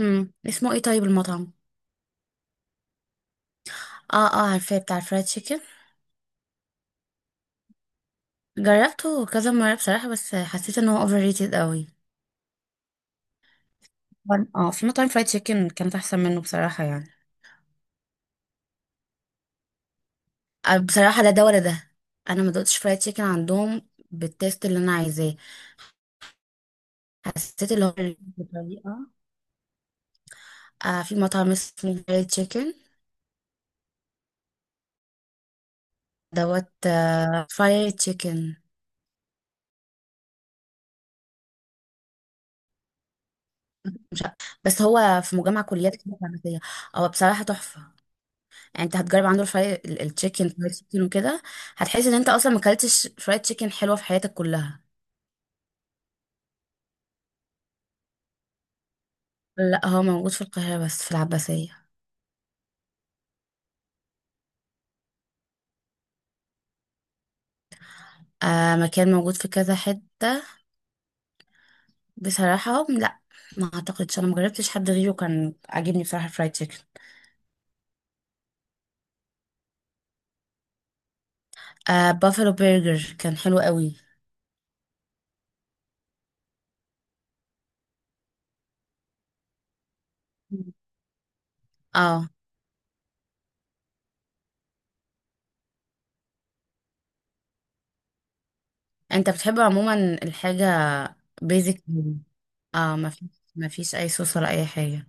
اسمه ايه طيب المطعم؟ اه عارفاه بتاع الفرايد تشيكن. جربته كذا مره بصراحه، بس حسيت ان هو اوفر ريتد قوي. في مطاعم فرايد تشيكن كانت احسن منه بصراحه يعني. بصراحه لا ده ولا ده. انا ما دقتش فرايد تشيكن عندهم بالتيست اللي انا عايزاه. حسيت اللي هو بطريقه، في مطعم اسمه فرايد تشيكن دوت فرايد تشيكن. مش عارف- بس هو في مجمع كليات كده فارماسية. هو بصراحه تحفه، يعني انت هتجرب عنده الفراي التشيكن فرايد تشيكن وكده، هتحس ان انت اصلا ما اكلتش فرايد تشيكن حلوه في حياتك كلها. لا هو موجود في القاهره بس، في العباسيه. آه مكان موجود في كذا حته، بصراحه لا. ما اعتقدش، انا مجربتش حد غيره كان عاجبني بصراحه الفرايد تشيكن. آه بافلو برجر كان حلو قوي. مم. اه، انت بتحب عموما الحاجه بيزك. اه، ما فيش، ما فيش اي صوص ولا اي حاجه.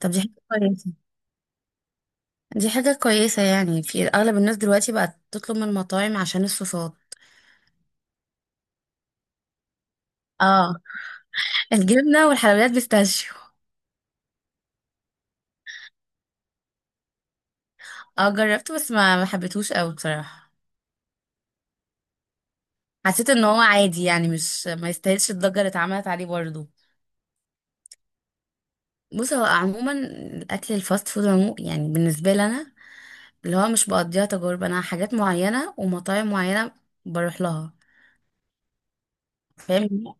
طب دي حاجه كويسه، دي حاجة كويسة، يعني في أغلب الناس دلوقتي بقت تطلب من المطاعم عشان الصوصات. اه، الجبنة والحلويات بيستاشيو. اه جربته بس ما حبيتهوش قوي بصراحة. حسيت ان هو عادي يعني، مش ما يستاهلش الضجة اللي اتعملت عليه برضه. بص، هو عموما الأكل الفاست فود عمو، يعني بالنسبة لي أنا، اللي هو مش بقضيها تجارب، أنا حاجات معينة ومطاعم معينة بروح لها. فاهم؟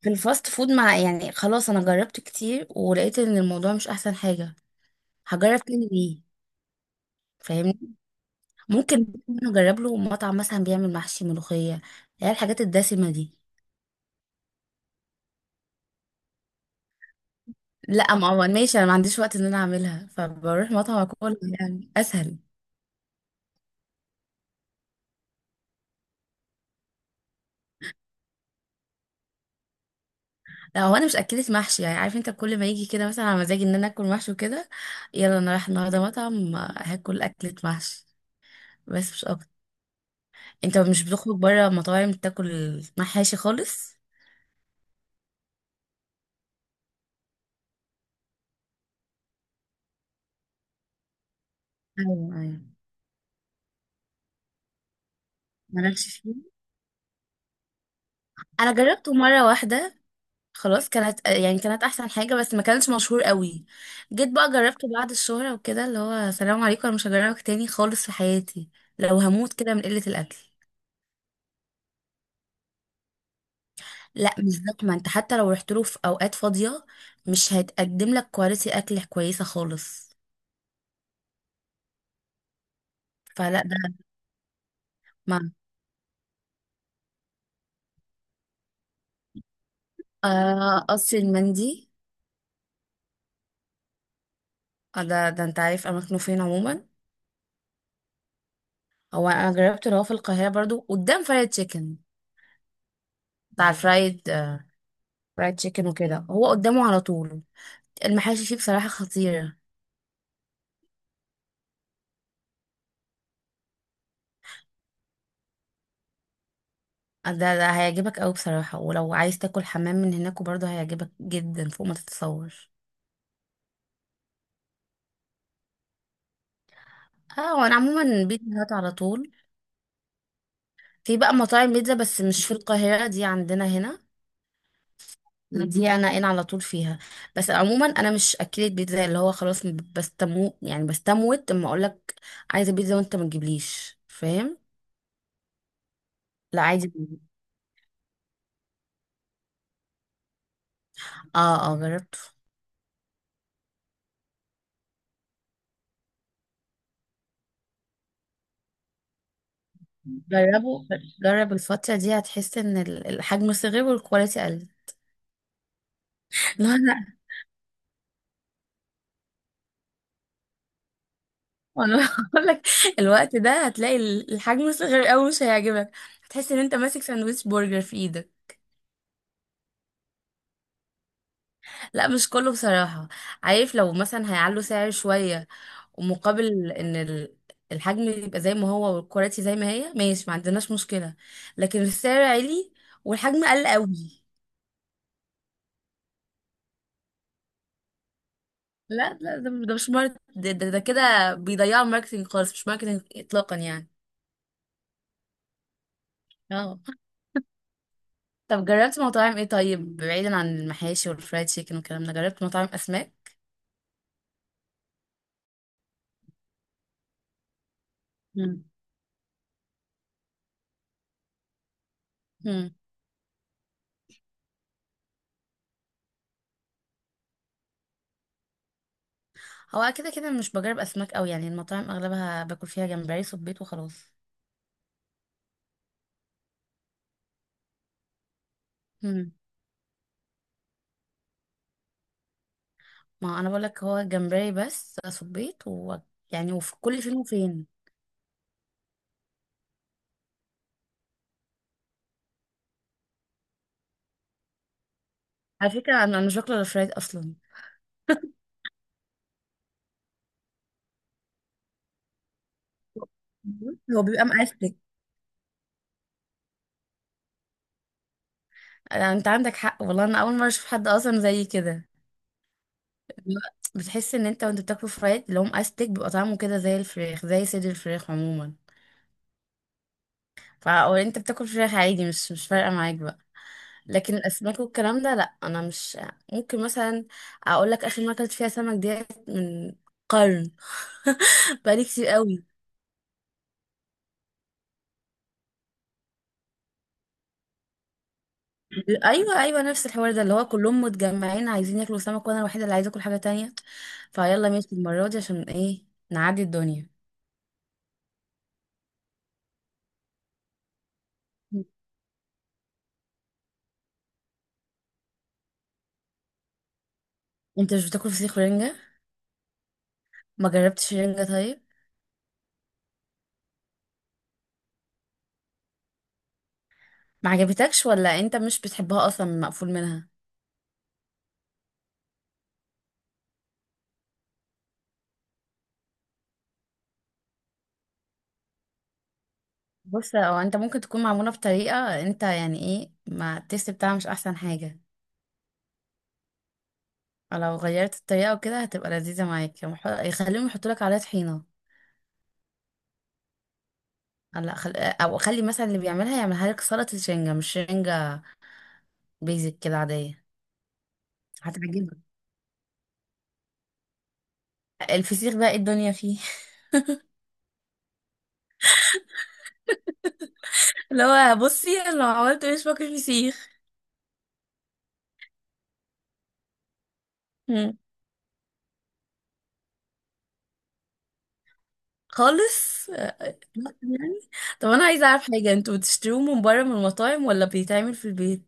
في الفاست فود مع يعني خلاص، أنا جربت كتير ولقيت ان الموضوع مش أحسن حاجة. هجرب تاني ليه؟ ممكن نجرب له مطعم مثلا بيعمل محشي ملوخية، هي الحاجات الدسمة دي. لا ما هو ماشي، انا ما عنديش وقت ان انا اعملها، فبروح مطعم اكل يعني اسهل. لا هو انا مش اكلة محشي، يعني عارف انت، كل ما يجي كده مثلا على مزاجي ان انا اكل محشي وكده، يلا انا رايح النهارده مطعم هاكل اكلة محشي. بس مش اكتر. انت مش بتخرج بره مطاعم تاكل محاشي خالص؟ ايوه ايوه. مالكش فيه. انا جربته مره واحده خلاص، كانت يعني كانت احسن حاجه، بس ما كانش مشهور قوي. جيت بقى جربته بعد الشهره وكده، اللي هو سلام عليكم انا مش هجربك تاني خالص في حياتي. لو هموت كده من قله الاكل. لا مش زحمه، انت حتى لو رحت له في اوقات فاضيه مش هيتقدم لك كواليتي اكل كويسه خالص. فلا ده. مع قصر المندي. ده انت عارف اماكنه فين عموما؟ هو انا جربته اللي هو في القاهره برضو، قدام فرايد تشيكن، بتاع الفرايد فرايد تشيكن وكده، هو قدامه على طول. المحاشي فيه بصراحة خطيرة. ده هيعجبك أوي بصراحة، ولو عايز تاكل حمام من هناك وبرضه هيعجبك جدا فوق ما تتصور. اه وانا عموما بيتزا هات على طول. في بقى مطاعم بيتزا بس مش في القاهرة، دي عندنا هنا، دي انا على طول فيها. بس عموما انا مش اكلت بيتزا اللي هو خلاص، بستمو يعني بستموت اما اقولك عايزة بيتزا وانت ما تجيبليش، فاهم؟ لا عادي. اه اه جربته. جربه، جرب الفترة دي هتحس ان الحجم صغير والكواليتي قل. لا انا بقول لك الوقت ده هتلاقي الحجم صغير قوي، مش هيعجبك، هتحس ان انت ماسك ساندويتش برجر في ايدك. لا مش كله بصراحة. عارف، لو مثلا هيعلوا سعر شوية ومقابل ان الحجم يبقى زي ما هو والكواليتي زي ما هي، ماشي ما عندناش مشكلة، لكن السعر عالي والحجم قل قوي. لا ده, ده مش ماركت، ده كده بيضيعوا الماركتينج خالص، مش ماركتينج اطلاقا يعني. اه طب جربت مطاعم ايه طيب، بعيدا عن المحاشي والفرايد تشيكن والكلام ده، جربت مطاعم اسماك؟ مم. مم. هو كده كده مش بجرب اسماك قوي، يعني المطاعم اغلبها باكل فيها جمبري صبيط وخلاص. مم. ما انا بقول لك، هو جمبري بس، صبيط و يعني، وفي كل فين وفين. على فكره انا مش باكل الفرايد اصلا. هو بيبقى مقفل. انت عندك حق والله، انا اول مره اشوف حد اصلا زي كده. لا، بتحس ان انت وانت بتاكله فرايد اللي هو مأستك، بيبقى طعمه كده زي الفراخ، زي صدر الفراخ عموما. او انت بتاكل فراخ عادي، مش فارقه معاك بقى. لكن الاسماك والكلام ده لا. انا مش ممكن مثلا اقول لك اخر مره اكلت فيها سمك ديت من قرن. بقالي كتير قوي. ايوه ايوه نفس الحوار ده، اللي هو كلهم متجمعين عايزين ياكلوا سمك وانا الوحيده اللي عايزه اكل حاجه تانية. فيلا ماشي المره دي، عشان ايه؟ نعدي الدنيا. انت مش بتاكل فسيخ ورنجه؟ ما جربتش رنجه طيب؟ ما عجبتكش ولا انت مش بتحبها اصلا، مقفول منها؟ بص، هو انت ممكن تكون معمولة بطريقة انت يعني ايه، ما التيست بتاعها مش احسن حاجة. لو غيرت الطريقة وكده هتبقى لذيذة معاك. يوم يخليهم يحطوا لك عليها طحينة. او خلي مثلا اللي بيعملها يعملها لك سلطة شنجة مش شنجة، بيزك كده عادية. هتعجبك. الفسيخ بقى ايه الدنيا فيه. اللي هو بصي، لو عملت مش باكل فسيخ. مم. خالص يعني. طب انا عايزة اعرف حاجة، انتوا بتشتروه من بره من المطاعم ولا بيتعمل في البيت؟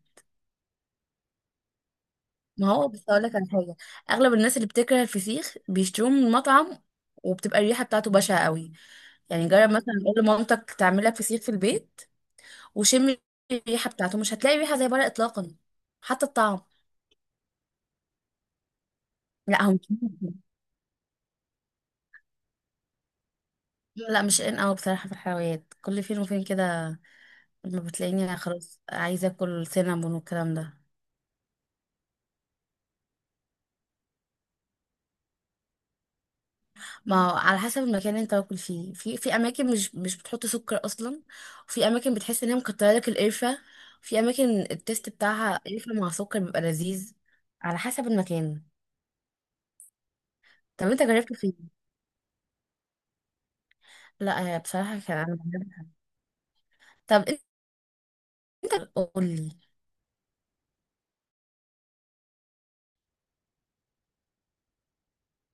ما هو بس اقول لك على حاجه، اغلب الناس اللي بتكره الفسيخ بيشتروه من مطعم، وبتبقى الريحه بتاعته بشعه قوي. يعني جرب مثلا قول لمامتك تعمل لك فسيخ في البيت، وشم الريحه بتاعته، مش هتلاقي ريحه زي بره اطلاقا، حتى الطعم. لا هو مش، لا مش ان قوي بصراحه في الحلويات، كل فين وفين كده، لما بتلاقيني خلاص عايزه اكل سينابون والكلام ده. ما هو على حسب المكان اللي انت واكل فيه، في في اماكن مش بتحط سكر اصلا، وفي اماكن بتحس ان هي مكتره لك القرفه، في اماكن التيست بتاعها قرفه مع سكر بيبقى لذيذ. على حسب المكان. طب انت جربت فين؟ لا بصراحه كان انا طب انت قول لي.